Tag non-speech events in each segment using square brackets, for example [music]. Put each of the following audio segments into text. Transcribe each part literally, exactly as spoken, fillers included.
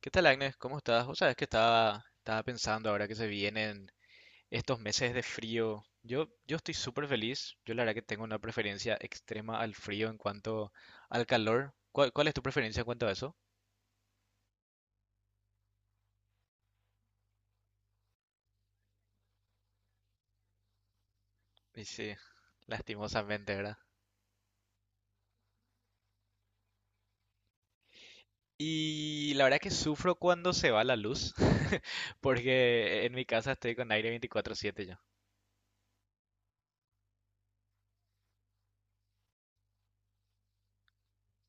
¿Qué tal, Agnes? ¿Cómo estás? O sabes que estaba, estaba pensando ahora que se vienen estos meses de frío. Yo, yo estoy súper feliz. Yo la verdad que tengo una preferencia extrema al frío en cuanto al calor. ¿Cuál, cuál es tu preferencia en cuanto a eso? Y sí, lastimosamente, ¿verdad? Y la verdad que sufro cuando se va la luz, [laughs] porque en mi casa estoy con aire veinticuatro siete yo.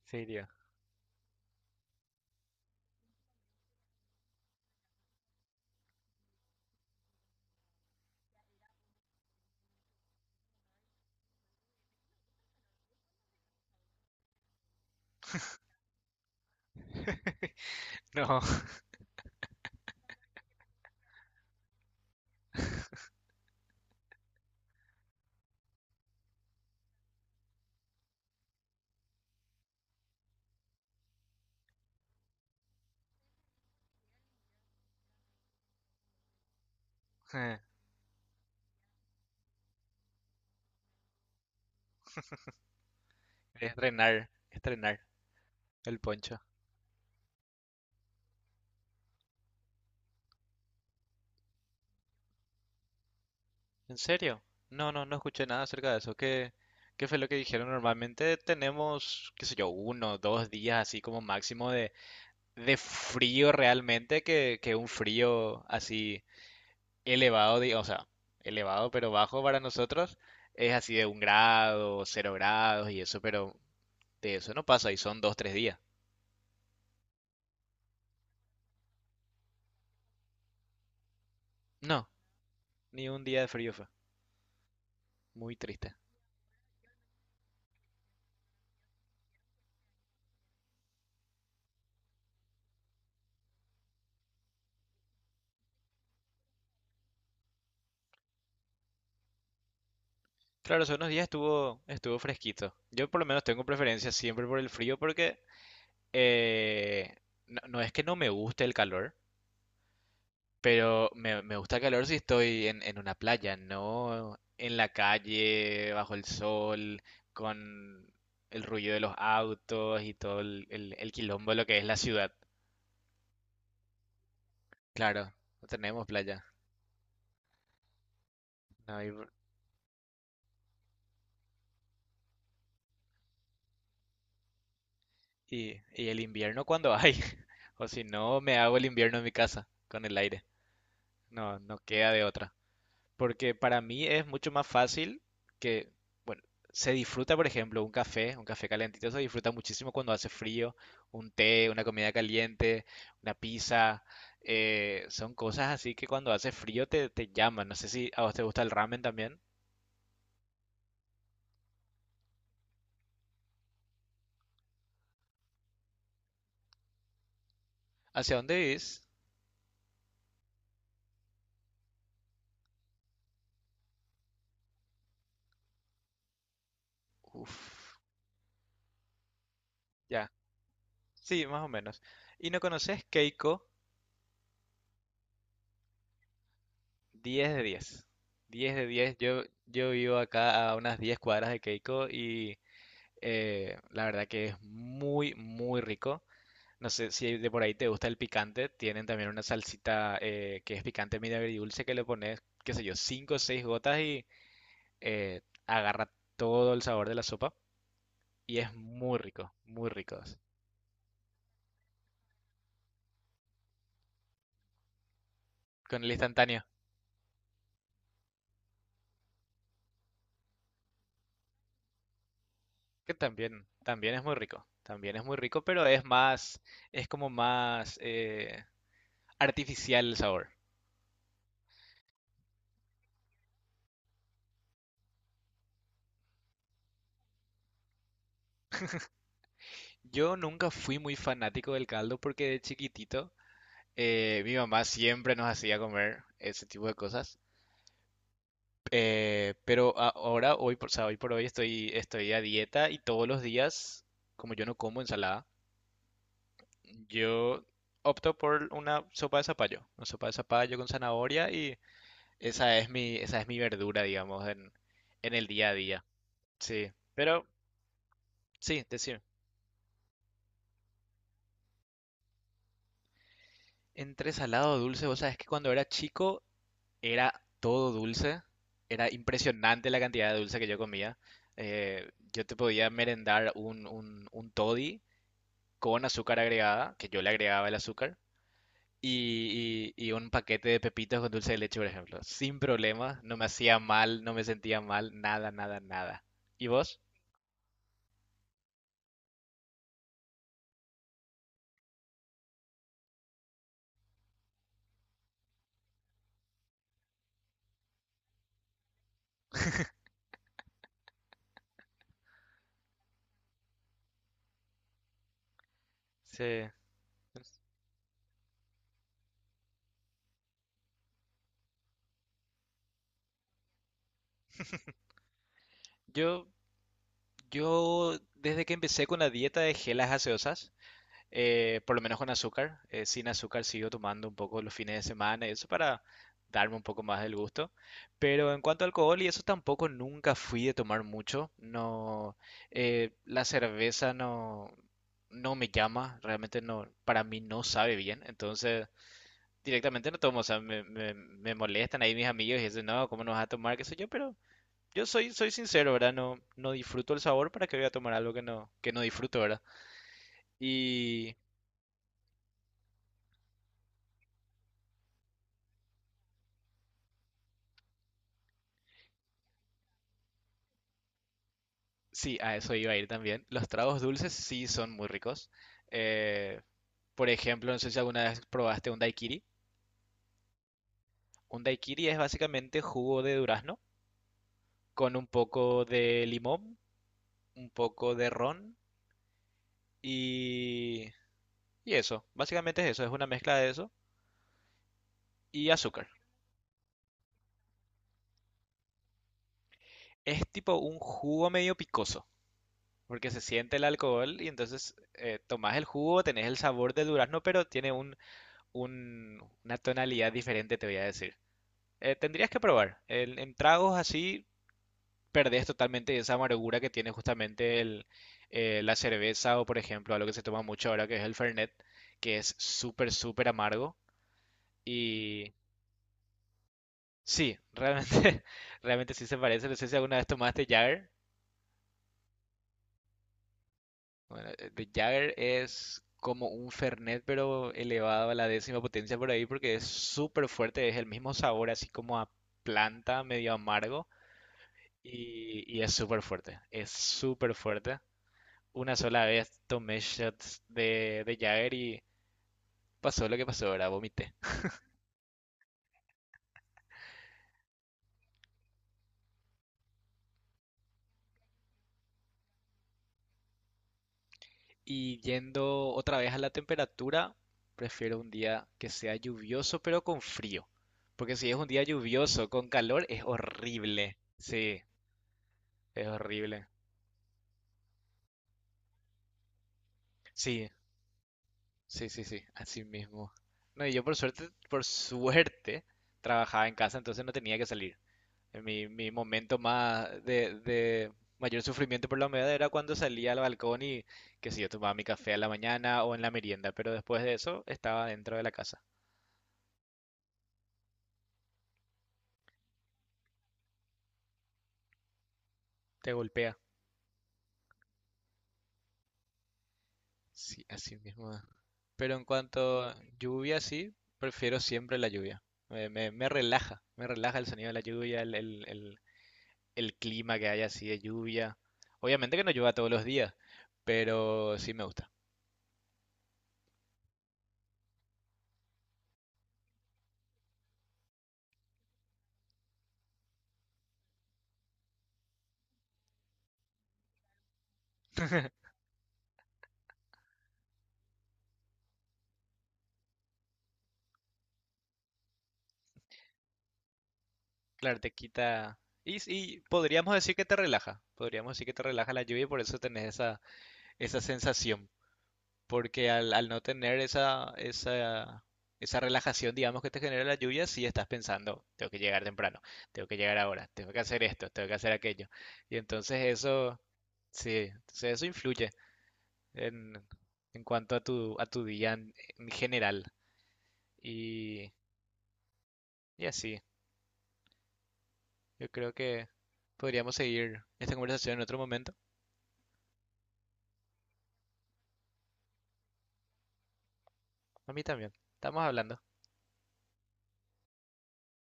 ¿Serio? [laughs] No, [laughs] estrenar, estrenar el poncho. ¿En serio? No, no, no escuché nada acerca de eso. ¿Qué, qué fue lo que dijeron? Normalmente tenemos, qué sé yo, uno, dos días así como máximo de, de frío realmente, que, que un frío así elevado, di- o sea, elevado pero bajo para nosotros es así de un grado, cero grados y eso, pero de eso no pasa y son dos, tres días. No, ni un día de frío fue. Muy triste. Claro, hace unos días estuvo, estuvo fresquito. Yo por lo menos tengo preferencia siempre por el frío porque... Eh, no, no es que no me guste el calor, pero me, me gusta el calor si estoy en, en una playa, no en la calle, bajo el sol, con el ruido de los autos y todo el, el, el quilombo de lo que es la ciudad. Claro, no tenemos playa. No hay- br- Y, y el invierno cuando hay. [laughs] O si no, me hago el invierno en mi casa, con el aire. No, no queda de otra. Porque para mí es mucho más fácil que, bueno, se disfruta, por ejemplo, un café, un café calentito se disfruta muchísimo cuando hace frío, un té, una comida caliente, una pizza, eh, son cosas así que cuando hace frío te, te llaman. No sé si a vos te gusta el ramen también. ¿Hacia dónde vivís? Uf, ya, sí, más o menos. ¿Y no conoces Keiko? Diez de diez, diez de diez. Yo, yo vivo acá a unas diez cuadras de Keiko y Eh, la verdad que es muy, muy rico. No sé si de por ahí te gusta el picante. Tienen también una salsita eh, que es picante medio agridulce que le pones, qué sé yo, cinco o seis gotas y eh, agarra todo el sabor de la sopa. Y es muy rico, muy rico. Con el instantáneo, que también, también es muy rico. También es muy rico, pero es más, es como más eh, artificial el sabor. Yo nunca fui muy fanático del caldo porque de chiquitito Eh, mi mamá siempre nos hacía comer ese tipo de cosas. Eh, pero a- ahora, hoy por, o sea, hoy por hoy estoy, estoy a dieta y todos los días, como yo no como ensalada, yo opto por una sopa de zapallo. Una sopa de zapallo con zanahoria y esa es mi, esa es mi verdura, digamos, en, en el día a día. Sí, pero sí, decir, entre salado o dulce, vos sabés que cuando era chico era todo dulce. Era impresionante la cantidad de dulce que yo comía. Eh, yo te podía merendar un, un, un toddy con azúcar agregada, que yo le agregaba el azúcar, y, y- y un paquete de pepitas con dulce de leche, por ejemplo. Sin problema, no me hacía mal, no me sentía mal, nada, nada, nada. ¿Y vos? Sí. Yo, yo, desde que empecé con la dieta de gelas gaseosas, eh, por lo menos con azúcar. Eh, sin azúcar sigo tomando un poco los fines de semana y eso para darme un poco más del gusto. Pero en cuanto a alcohol y eso tampoco nunca fui de tomar mucho. No, eh, la cerveza no, no me llama, realmente no, para mí no sabe bien. Entonces directamente no tomo, o sea, me, me- me molestan ahí mis amigos y dicen, no, ¿cómo no vas a tomar? ¿Qué sé yo? Pero yo soy, soy sincero, ¿verdad? No, no disfruto el sabor para que voy a tomar algo que no, que no disfruto, ¿verdad? Y sí, a eso iba a ir también. Los tragos dulces sí son muy ricos. Eh, por ejemplo, no sé si alguna vez probaste un daiquiri. Un daiquiri es básicamente jugo de durazno con un poco de limón, un poco de ron y, y eso. Básicamente es eso, es una mezcla de eso y azúcar. Es tipo un jugo medio picoso, porque se siente el alcohol y entonces eh, tomás el jugo, tenés el sabor del durazno, pero tiene un, un- una tonalidad diferente, te voy a decir. Eh, tendrías que probar. El- en tragos así perdés totalmente esa amargura que tiene justamente el, eh, la cerveza o, por ejemplo, algo que se toma mucho ahora que es el Fernet, que es súper, súper amargo. Y sí, realmente, [laughs] realmente sí se parece. No sé si alguna vez tomaste Jagger. Bueno, eh, de Jagger es como un Fernet, pero elevado a la décima potencia por ahí porque es súper fuerte. Es el mismo sabor, así como a planta, medio amargo. Y, y es súper fuerte, es súper fuerte. Una sola vez tomé shots de, de Jagger y pasó lo que pasó, ahora vomité. Y yendo otra vez a la temperatura, prefiero un día que sea lluvioso pero con frío. Porque si es un día lluvioso con calor es horrible. Sí, es horrible. Sí, sí, sí, sí, así mismo. No, y yo por suerte, por suerte, trabajaba en casa, entonces no tenía que salir. Mi, mi momento más de, de mayor sufrimiento por la humedad era cuando salía al balcón y, que si yo, tomaba mi café a la mañana o en la merienda, pero después de eso estaba dentro de la casa. Te golpea. Sí, así mismo. Es. Pero en cuanto a lluvia, sí, prefiero siempre la lluvia. Me, me- me relaja, me relaja el sonido de la lluvia, el, el- el- el clima que hay así de lluvia. Obviamente que no llueva todos los días, pero sí me gusta. [laughs] Claro, te quita. Y, y podríamos decir que te relaja. Podríamos decir que te relaja la lluvia y por eso tenés esa, esa sensación. Porque al, al no tener esa, esa, esa relajación, digamos, que te genera la lluvia, sí estás pensando, tengo que llegar temprano, tengo que llegar ahora, tengo que hacer esto, tengo que hacer aquello. Y entonces eso, sí, entonces eso influye en, en cuanto a tu, a tu día en, en general. Y, y así, yo creo que podríamos seguir esta conversación en otro momento. A mí también. Estamos hablando.